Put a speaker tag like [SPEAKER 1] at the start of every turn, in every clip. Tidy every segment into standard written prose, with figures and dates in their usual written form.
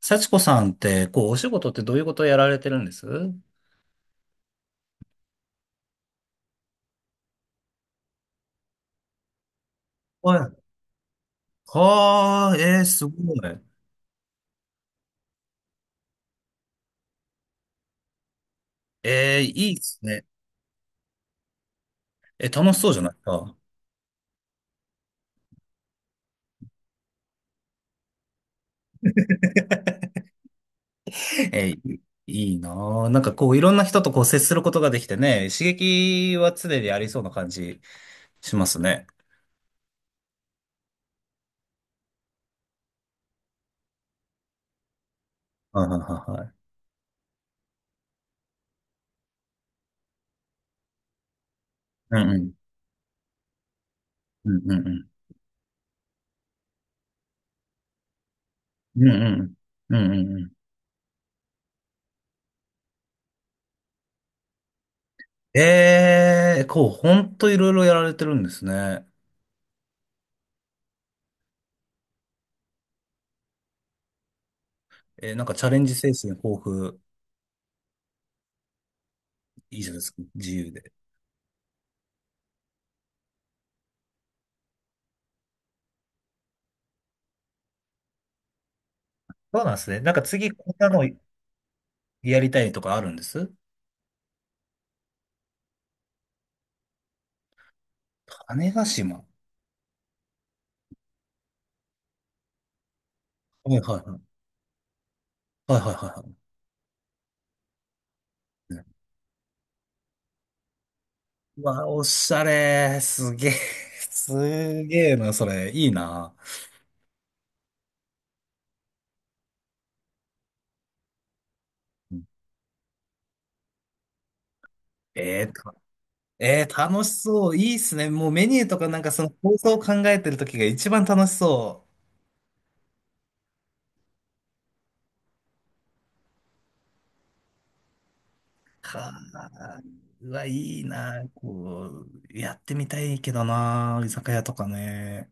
[SPEAKER 1] 幸子さんって、こう、お仕事ってどういうことをやられてるんです。はい。はあ、すごい。いいですね。楽しそうじゃないですか。えー、いいいなぁ。なんかこう、いろんな人とこう、接することができてね、刺激は常にありそうな感じしますね。はいはいはいはい。うんうん。うんうんうん。うんうん。うんうんうん。こう、ほんといろいろやられてるんですね。なんかチャレンジ精神豊富。いいじゃないですか。自由で。そうなんですね。なんか次、こんなのやりたいとかあるんです。種子島。はいはいはい。はいはいはいはい。ね、うわ、おしゃれ。すげえ。すげえな、それ。いいな。うん。えー、た楽しそう。いいっすね。もうメニューとかなんかその構想を考えてる時が一番楽しそう。はあ、うわ、いいな。こう、やってみたいけどな。居酒屋とかね。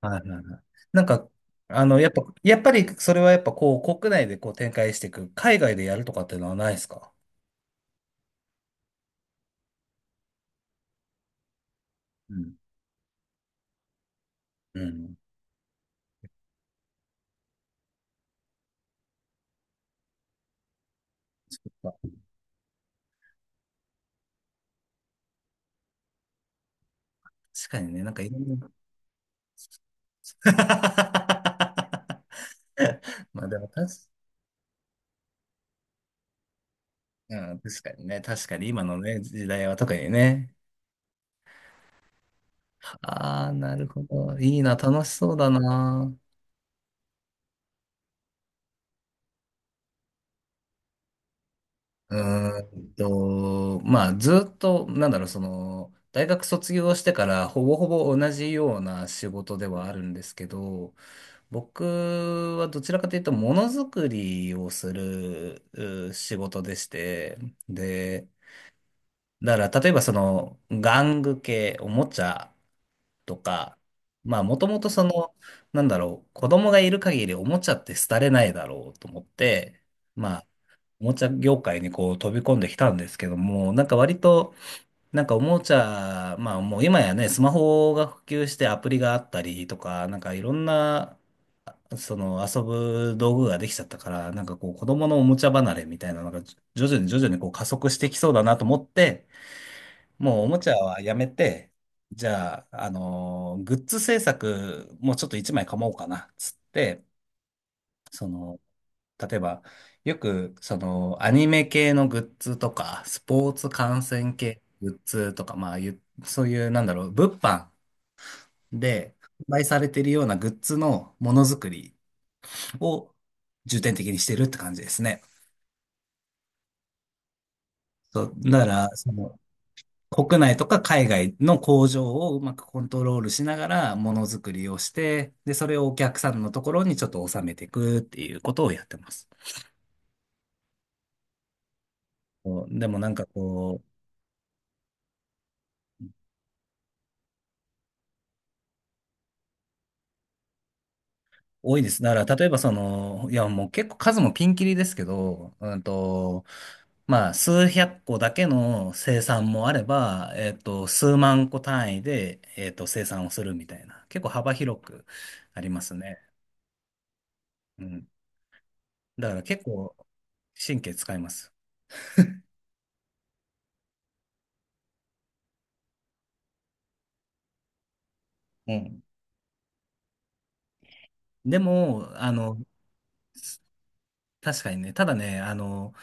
[SPEAKER 1] はいはいはい。なんか、やっぱりそれはやっぱこう、国内でこう展開していく、海外でやるとかっていうのはないですか。うん。うん。そっか、確かにね、なんかいろんな。まあでも確か、うん、確かにね、確かに今のね、時代は特にね。ああ、なるほど。いいな、楽しそうだな。うまあ、ずっと、なんだろう、その、大学卒業してからほぼほぼ同じような仕事ではあるんですけど、僕はどちらかというと、ものづくりをするう仕事でして、で、だから、例えばその、玩具系、おもちゃとか、まあもともとその、なんだろう、子供がいる限りおもちゃって廃れないだろうと思って、まあ、おもちゃ業界にこう飛び込んできたんですけども、なんか割と、なんかおもちゃ、まあもう今やね、スマホが普及してアプリがあったりとか、なんかいろんな、その遊ぶ道具ができちゃったから、なんかこう子供のおもちゃ離れみたいなのが徐々に徐々にこう加速してきそうだなと思って、もうおもちゃはやめて、じゃあ、グッズ制作もうちょっと一枚かもうかな、つって、その、例えば、よく、その、アニメ系のグッズとか、スポーツ観戦系グッズとか、まあ、そういう、なんだろう、物販で販売されているようなグッズのものづくりを重点的にしてるって感じですね。そう、だから、その国内とか海外の工場をうまくコントロールしながらものづくりをして、で、それをお客さんのところにちょっと収めていくっていうことをやってます。こうでもなんかこう、多いです。だから例えばその、いやもう結構数もピンキリですけど、まあ数百個だけの生産もあれば、数万個単位で、生産をするみたいな、結構幅広くありますね。うん。だから結構神経使います。うん。でも、確かにね、ただね、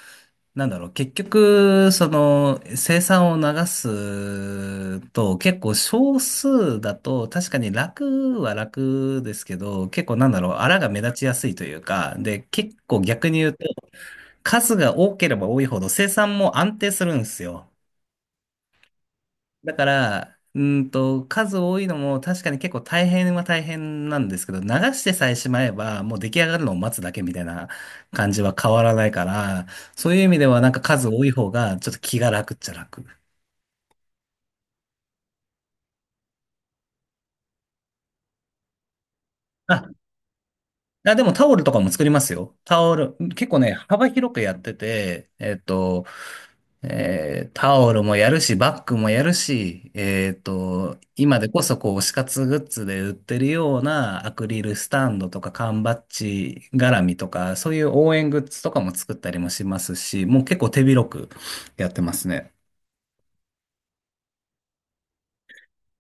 [SPEAKER 1] なんだろう、結局、その、生産を流すと、結構少数だと、確かに楽は楽ですけど、結構なんだろう、あらが目立ちやすいというか、で、結構逆に言うと、数が多ければ多いほど生産も安定するんですよ。だから、数多いのも確かに結構大変は大変なんですけど、流してさえしまえば、もう出来上がるのを待つだけみたいな感じは変わらないから、そういう意味ではなんか数多い方がちょっと気が楽っちゃ楽。あ、でもタオルとかも作りますよ。タオル、結構ね、幅広くやってて、タオルもやるし、バッグもやるし、今でこそこう、推し活グッズで売ってるようなアクリルスタンドとか缶バッジ絡みとか、そういう応援グッズとかも作ったりもしますし、もう結構手広くやってますね。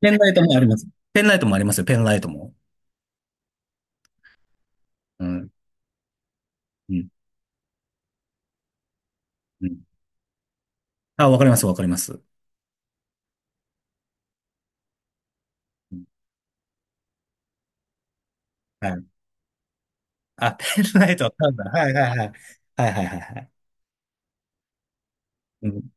[SPEAKER 1] ペンライトもあります。ペンライトもありますよ、ペンライトも。うん。うん。うん。あ、わかります、わかります。うん。はい。あ、ペンライト、パンダ。はいはいはい。はいはいはいはい。うん。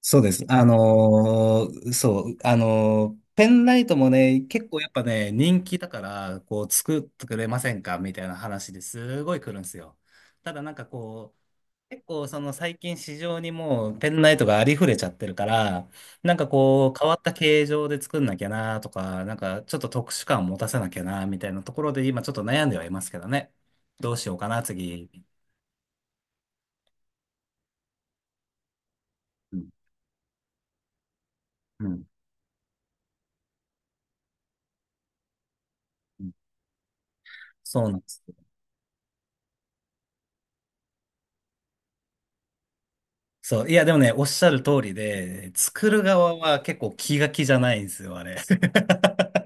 [SPEAKER 1] そうです。そう、ペンライトもね、結構やっぱね、人気だから、こう、作ってくれませんかみたいな話ですごい来るんですよ。ただなんかこう、結構その最近市場にもうペンライトがありふれちゃってるから、なんかこう、変わった形状で作んなきゃなとか、なんかちょっと特殊感を持たせなきゃなみたいなところで今ちょっと悩んではいますけどね。どうしようかな、次。うんうんうん。そうなんです。そう。いや、でもね、おっしゃる通りで、作る側は結構気が気じゃないんですよ、あれ。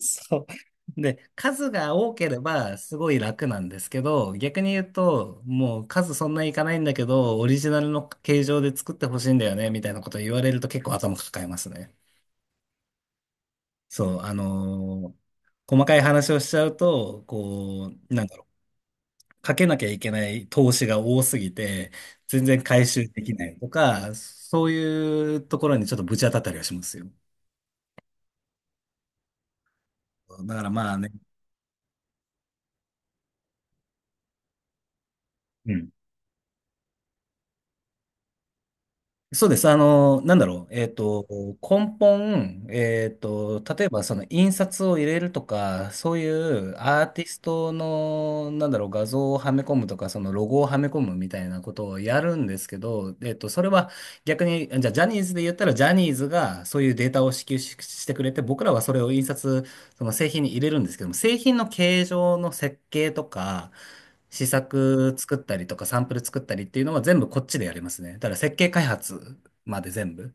[SPEAKER 1] そう。で、数が多ければすごい楽なんですけど、逆に言うと、もう数そんないかないんだけど、オリジナルの形状で作ってほしいんだよね、みたいなこと言われると結構頭抱えますね。そう、細かい話をしちゃうと、こう、なんだろう、かけなきゃいけない投資が多すぎて、全然回収できないとか、そういうところにちょっとぶち当たったりはしますよ。だからまあね、うん。そうです。なんだろう。根本、例えばその印刷を入れるとか、そういうアーティストの、なんだろう、画像をはめ込むとか、そのロゴをはめ込むみたいなことをやるんですけど、それは逆に、じゃあジャニーズで言ったら、ジャニーズがそういうデータを支給し、してくれて、僕らはそれを印刷、その製品に入れるんですけども、製品の形状の設計とか、試作作ったりとかサンプル作ったりっていうのは全部こっちでやりますね。だから設計開発まで全部。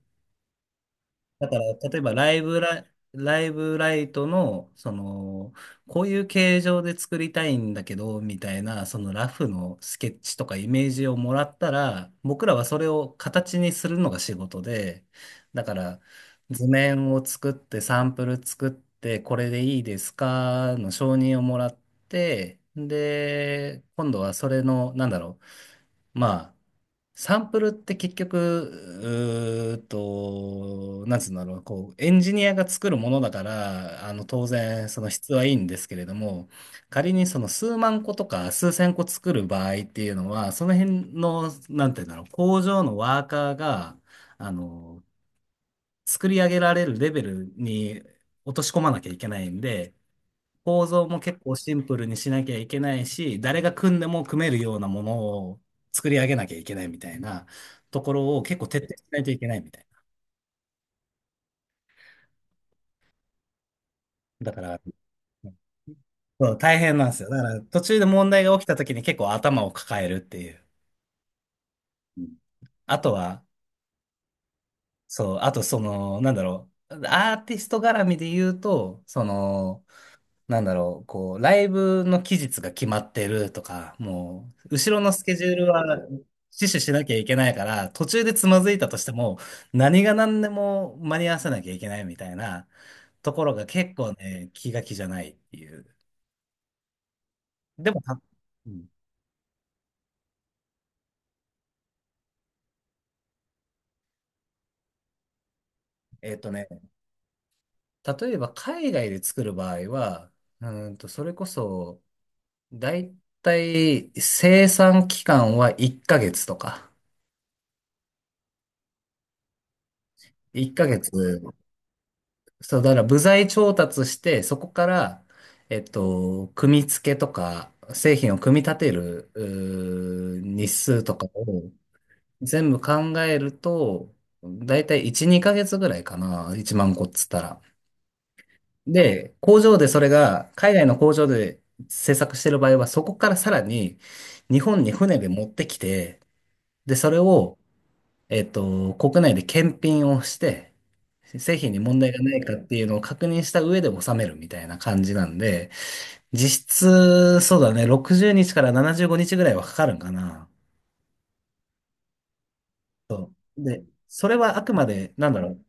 [SPEAKER 1] だから、例えばライブライトの、その、こういう形状で作りたいんだけど、みたいな、そのラフのスケッチとかイメージをもらったら、僕らはそれを形にするのが仕事で、だから、図面を作って、サンプル作って、これでいいですかの承認をもらって、で、今度はそれの、なんだろう、まあ、サンプルって結局、うーっと、なんつうんだろう、こう、エンジニアが作るものだから、当然、その質はいいんですけれども、仮にその数万個とか数千個作る場合っていうのは、その辺の、なんていうんだろう、工場のワーカーが、あの、作り上げられるレベルに落とし込まなきゃいけないんで、構造も結構シンプルにしなきゃいけないし、誰が組んでも組めるようなものを作り上げなきゃいけないみたいなところを結構徹底しないといけないみたいな。だから、そう大変なんですよ。だから途中で問題が起きた時に結構頭を抱えるっていう。うん。あとは、そう、あとその、なんだろう、アーティスト絡みで言うと、その、なんだろう、こう、ライブの期日が決まってるとか、もう、後ろのスケジュールは死守しなきゃいけないから、途中でつまずいたとしても、何が何でも間に合わせなきゃいけないみたいなところが結構ね、気が気じゃないっていう。でも、たうんえっとね、例えば海外で作る場合は、それこそ、だいたい生産期間は1ヶ月とか、1ヶ月、そう、だから部材調達して、そこから、組み付けとか、製品を組み立てる、日数とかを全部考えると、だいたい1、2ヶ月ぐらいかな。1万個っつったら。で、工場でそれが、海外の工場で制作してる場合は、そこからさらに日本に船で持ってきて、で、それを、国内で検品をして、製品に問題がないかっていうのを確認した上で納めるみたいな感じなんで、実質、そうだね、60日から75日ぐらいはかかるんかな。そう。で、それはあくまで、なんだろう、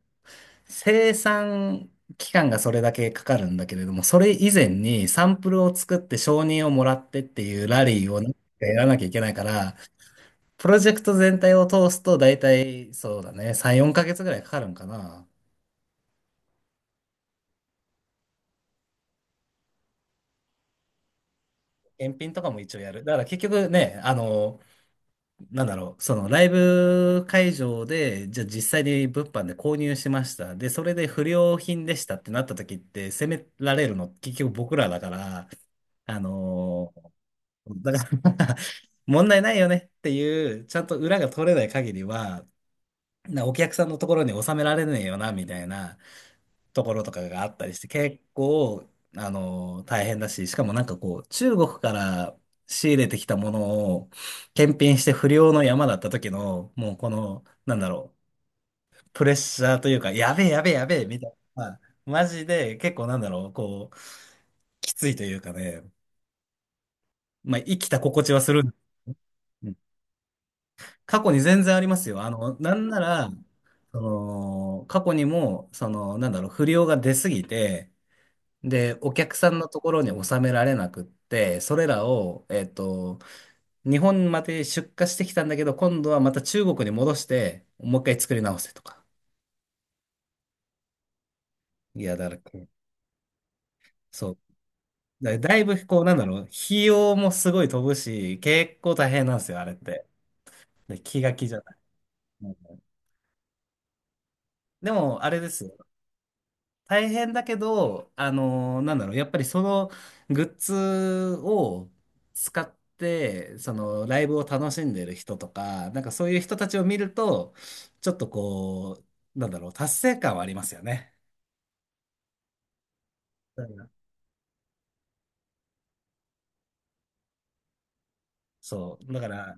[SPEAKER 1] 生産期間がそれだけかかるんだけれども、それ以前にサンプルを作って承認をもらってっていうラリーをなんかやらなきゃいけないから、プロジェクト全体を通すと大体、そうだね、3、4ヶ月ぐらいかかるんかな。検品とかも一応やる。だから結局ね、なんだろう、そのライブ会場で、じゃあ実際に物販で購入しました。で、それで不良品でしたってなった時って、責められるの結局僕らだから、あのだから 問題ないよねっていう、ちゃんと裏が取れない限りは、なお客さんのところに収められねえよな、みたいな。ところとかがあったりして、結構、大変だし、しかもなんかこう、中国から仕入れてきたものを検品して不良の山だった時の、もうこの、なんだろう、プレッシャーというか、やべえやべえやべえ、みたいな、マジで結構なんだろう、こう、きついというかね、まあ、生きた心地はする。うん。過去に全然ありますよ。なんなら、その、過去にも、その、なんだろう、不良が出すぎて、で、お客さんのところに収められなくって、それらを、日本まで出荷してきたんだけど、今度はまた中国に戻して、もう一回作り直せとか。いや、だからこう、そう。だいぶ、こう、なんだろう、費用もすごい飛ぶし、結構大変なんですよ、あれって。で、気が気じゃない。うん。でも、あれですよ、大変だけど、なんだろう、やっぱりそのグッズを使って、そのライブを楽しんでる人とか、なんかそういう人たちを見ると、ちょっとこう、なんだろう、達成感はありますよね。だからそう、だから、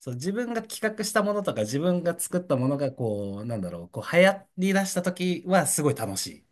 [SPEAKER 1] そう、自分が企画したものとか、自分が作ったものが、こう、なんだろう、こう流行り出した時はすごい楽しい。